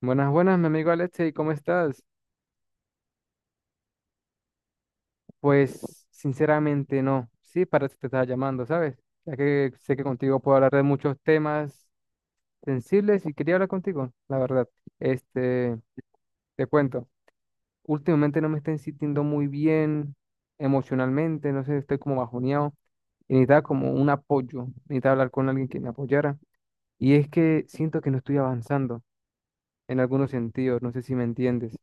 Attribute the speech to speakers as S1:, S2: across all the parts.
S1: Buenas, buenas, mi amigo Alexei, ¿cómo estás? Pues sinceramente no, sí, para eso te estaba llamando, ¿sabes? Ya que sé que contigo puedo hablar de muchos temas sensibles y quería hablar contigo, la verdad. Este, te cuento, últimamente no me estoy sintiendo muy bien emocionalmente, no sé, estoy como bajoneado y necesitaba como un apoyo, necesitaba hablar con alguien que me apoyara. Y es que siento que no estoy avanzando en algunos sentidos, no sé si me entiendes.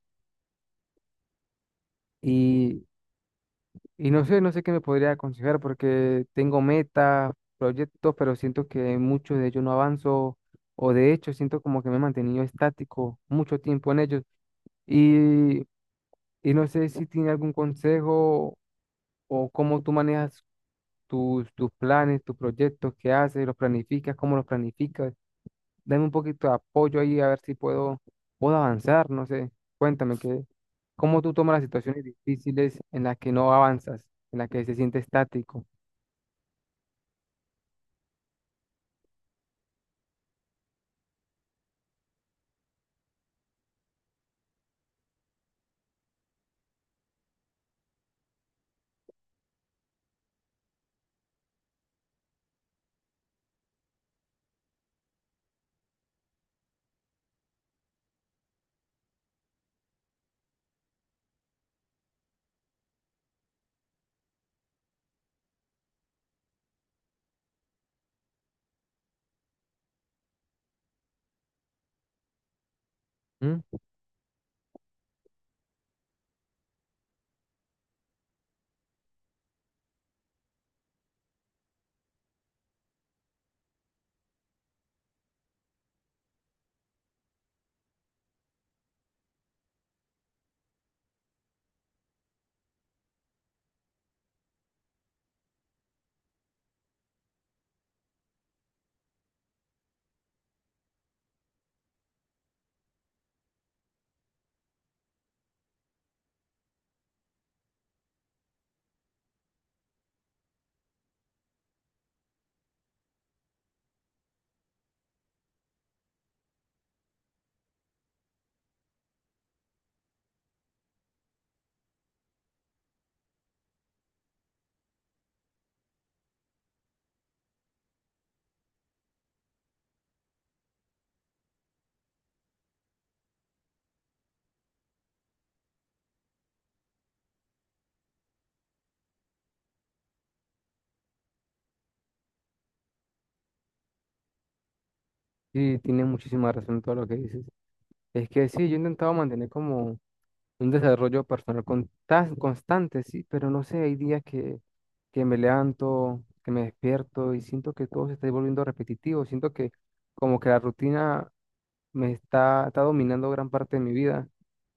S1: Y Y no sé, no sé qué me podría aconsejar porque tengo metas, proyectos, pero siento que en muchos de ellos no avanzo o de hecho siento como que me he mantenido estático mucho tiempo en ellos. Y, y no sé si tiene algún consejo o cómo tú manejas tus planes, tus proyectos, qué haces, los planificas, cómo los planificas. Dame un poquito de apoyo ahí a ver si puedo avanzar, no sé. Cuéntame que, ¿cómo tú tomas las situaciones difíciles en las que no avanzas, en las que se siente estático? ¿Mm? Y tienes muchísima razón todo lo que dices. Es que sí, yo he intentado mantener como un desarrollo personal con- tan constante, sí, pero no sé, hay días que me levanto, que me despierto y siento que todo se está volviendo repetitivo, siento que como que la rutina me está, está dominando gran parte de mi vida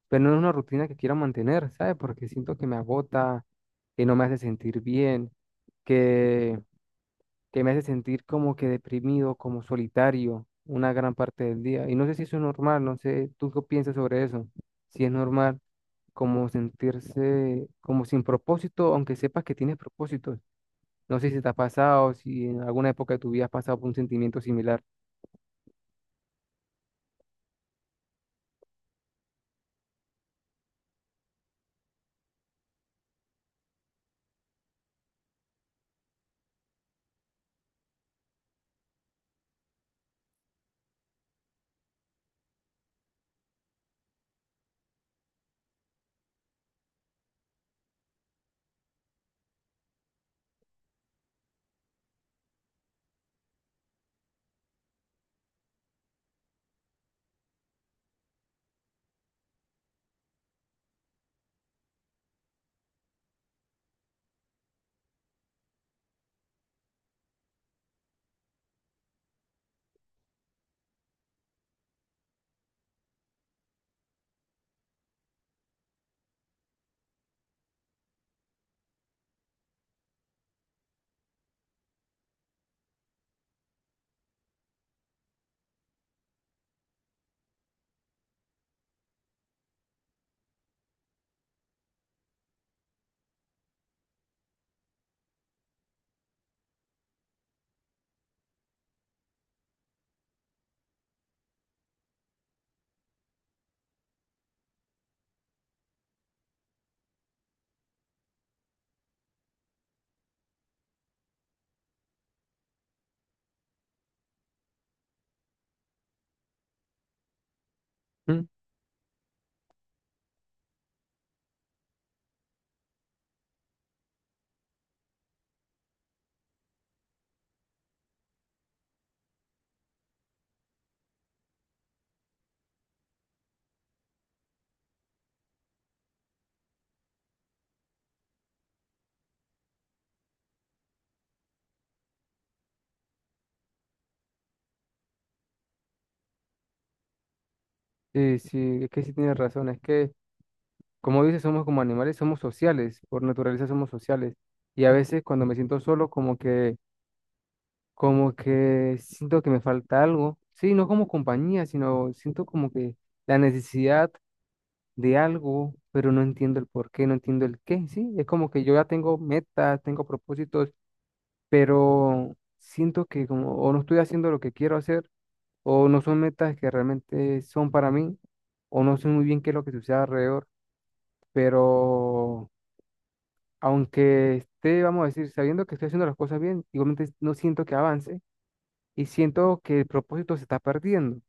S1: pero no es una rutina que quiero mantener, ¿sabes? Porque siento que me agota, que no me hace sentir bien, que, que me hace sentir como que deprimido, como solitario una gran parte del día. Y no sé si eso es normal, no sé, ¿tú qué piensas sobre eso? Si es normal como sentirse como sin propósito, aunque sepas que tienes propósitos. No sé si te ha pasado, si en alguna época de tu vida has pasado por un sentimiento similar. ¿Mm? Sí, sí, es que sí tienes razón, es que... Como dices, somos como animales, somos sociales, por naturaleza somos sociales. Y a veces cuando me siento solo, como que siento que me falta algo. Sí, no como compañía, sino siento como que la necesidad de algo, pero no entiendo el por qué, no entiendo el qué. Sí, es como que yo ya tengo metas, tengo propósitos, pero siento que como o no estoy haciendo lo que quiero hacer, o no son metas que realmente son para mí, o no sé muy bien qué es lo que sucede alrededor, pero aunque esté, vamos a decir, sabiendo que estoy haciendo las cosas bien, igualmente no siento que avance y siento que el propósito se está perdiendo.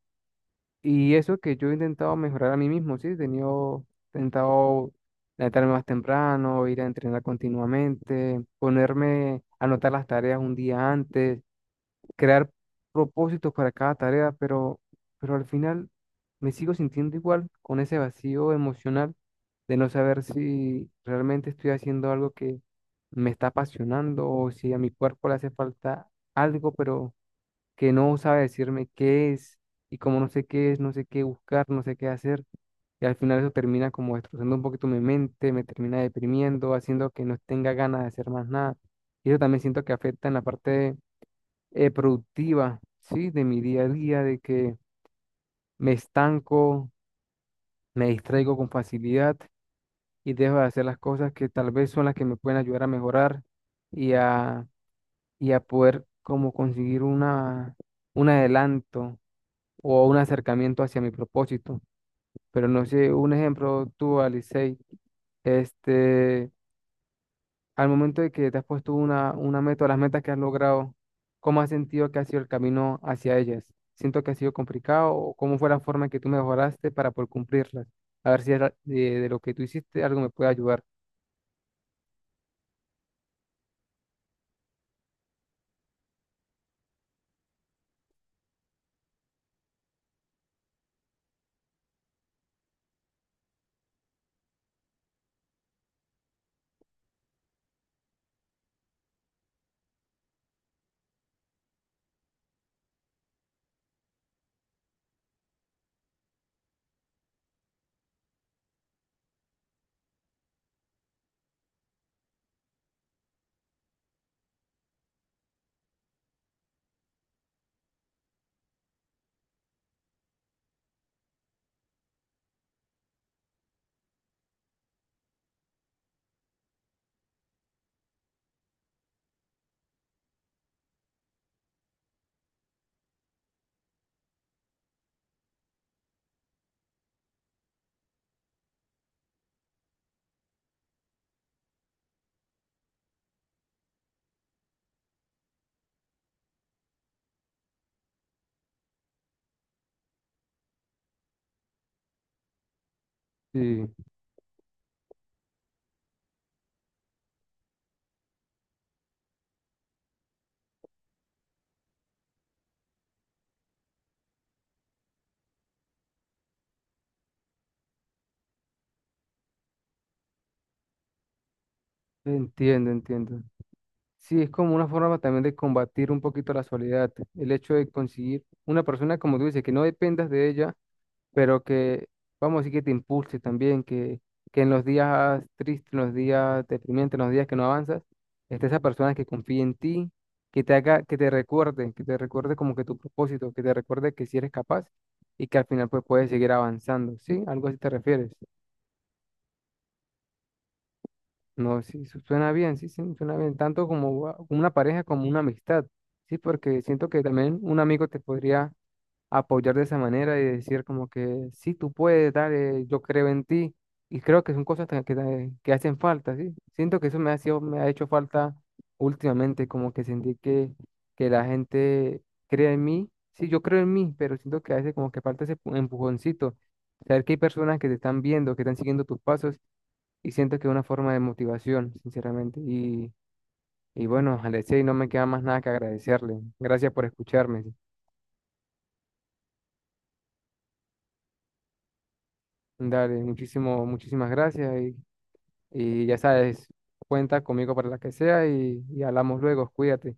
S1: Y eso que yo he intentado mejorar a mí mismo, ¿sí? He tenido, intentado levantarme más temprano, ir a entrenar continuamente, ponerme, a anotar las tareas un día antes, crear propósitos para cada tarea, pero al final me sigo sintiendo igual con ese vacío emocional de no saber si realmente estoy haciendo algo que me está apasionando o si a mi cuerpo le hace falta algo, pero que no sabe decirme qué es. Y como no sé qué es, no sé qué buscar, no sé qué hacer. Y al final eso termina como destrozando un poquito mi mente, me termina deprimiendo, haciendo que no tenga ganas de hacer más nada. Y eso también siento que afecta en la parte productiva, ¿sí? De mi día a día, de que me estanco, me distraigo con facilidad y dejo de hacer las cosas que tal vez son las que me pueden ayudar a mejorar y a, y a poder como conseguir una, un adelanto o un acercamiento hacia mi propósito. Pero no sé, un ejemplo, tú, Alice, este, al momento de que te has puesto una meta, o las metas que has logrado, ¿cómo has sentido que ha sido el camino hacia ellas? ¿Siento que ha sido complicado o cómo fue la forma en que tú mejoraste para poder cumplirlas? A ver si era- de lo que tú hiciste algo me puede ayudar. Sí. Entiendo, entiendo. Sí, es como una forma también de combatir un poquito la soledad. El hecho de conseguir una persona, como tú dices, que no dependas de ella, pero que, vamos a decir, que te impulse también, que en los días tristes, en los días deprimentes, en los días que no avanzas, esté esa persona que confíe en ti, que te haga, que te recuerde como que tu propósito, que te recuerde que si eres capaz y que al final pues puedes seguir avanzando. ¿Sí? Algo así te refieres. No, sí, su- suena bien, sí, sí, suena bien, tanto como va- una pareja como una amistad, sí, porque siento que también un amigo te podría apoyar de esa manera y decir como que sí, tú puedes, dale, yo creo en ti, y creo que son cosas ta- que hacen falta, sí, siento que eso me ha sido, me ha hecho falta últimamente, como que sentí que la gente cree en mí, sí, yo creo en mí, pero siento que a veces como que falta ese pu- empujoncito, saber que hay personas que te están viendo, que están siguiendo tus pasos y siento que es una forma de motivación, sinceramente. Y bueno, Alexei, no me queda más nada que agradecerle. Gracias por escucharme. Dale, muchísimo, muchísimas gracias. Y ya sabes, cuenta conmigo para la que sea y hablamos luego. Cuídate.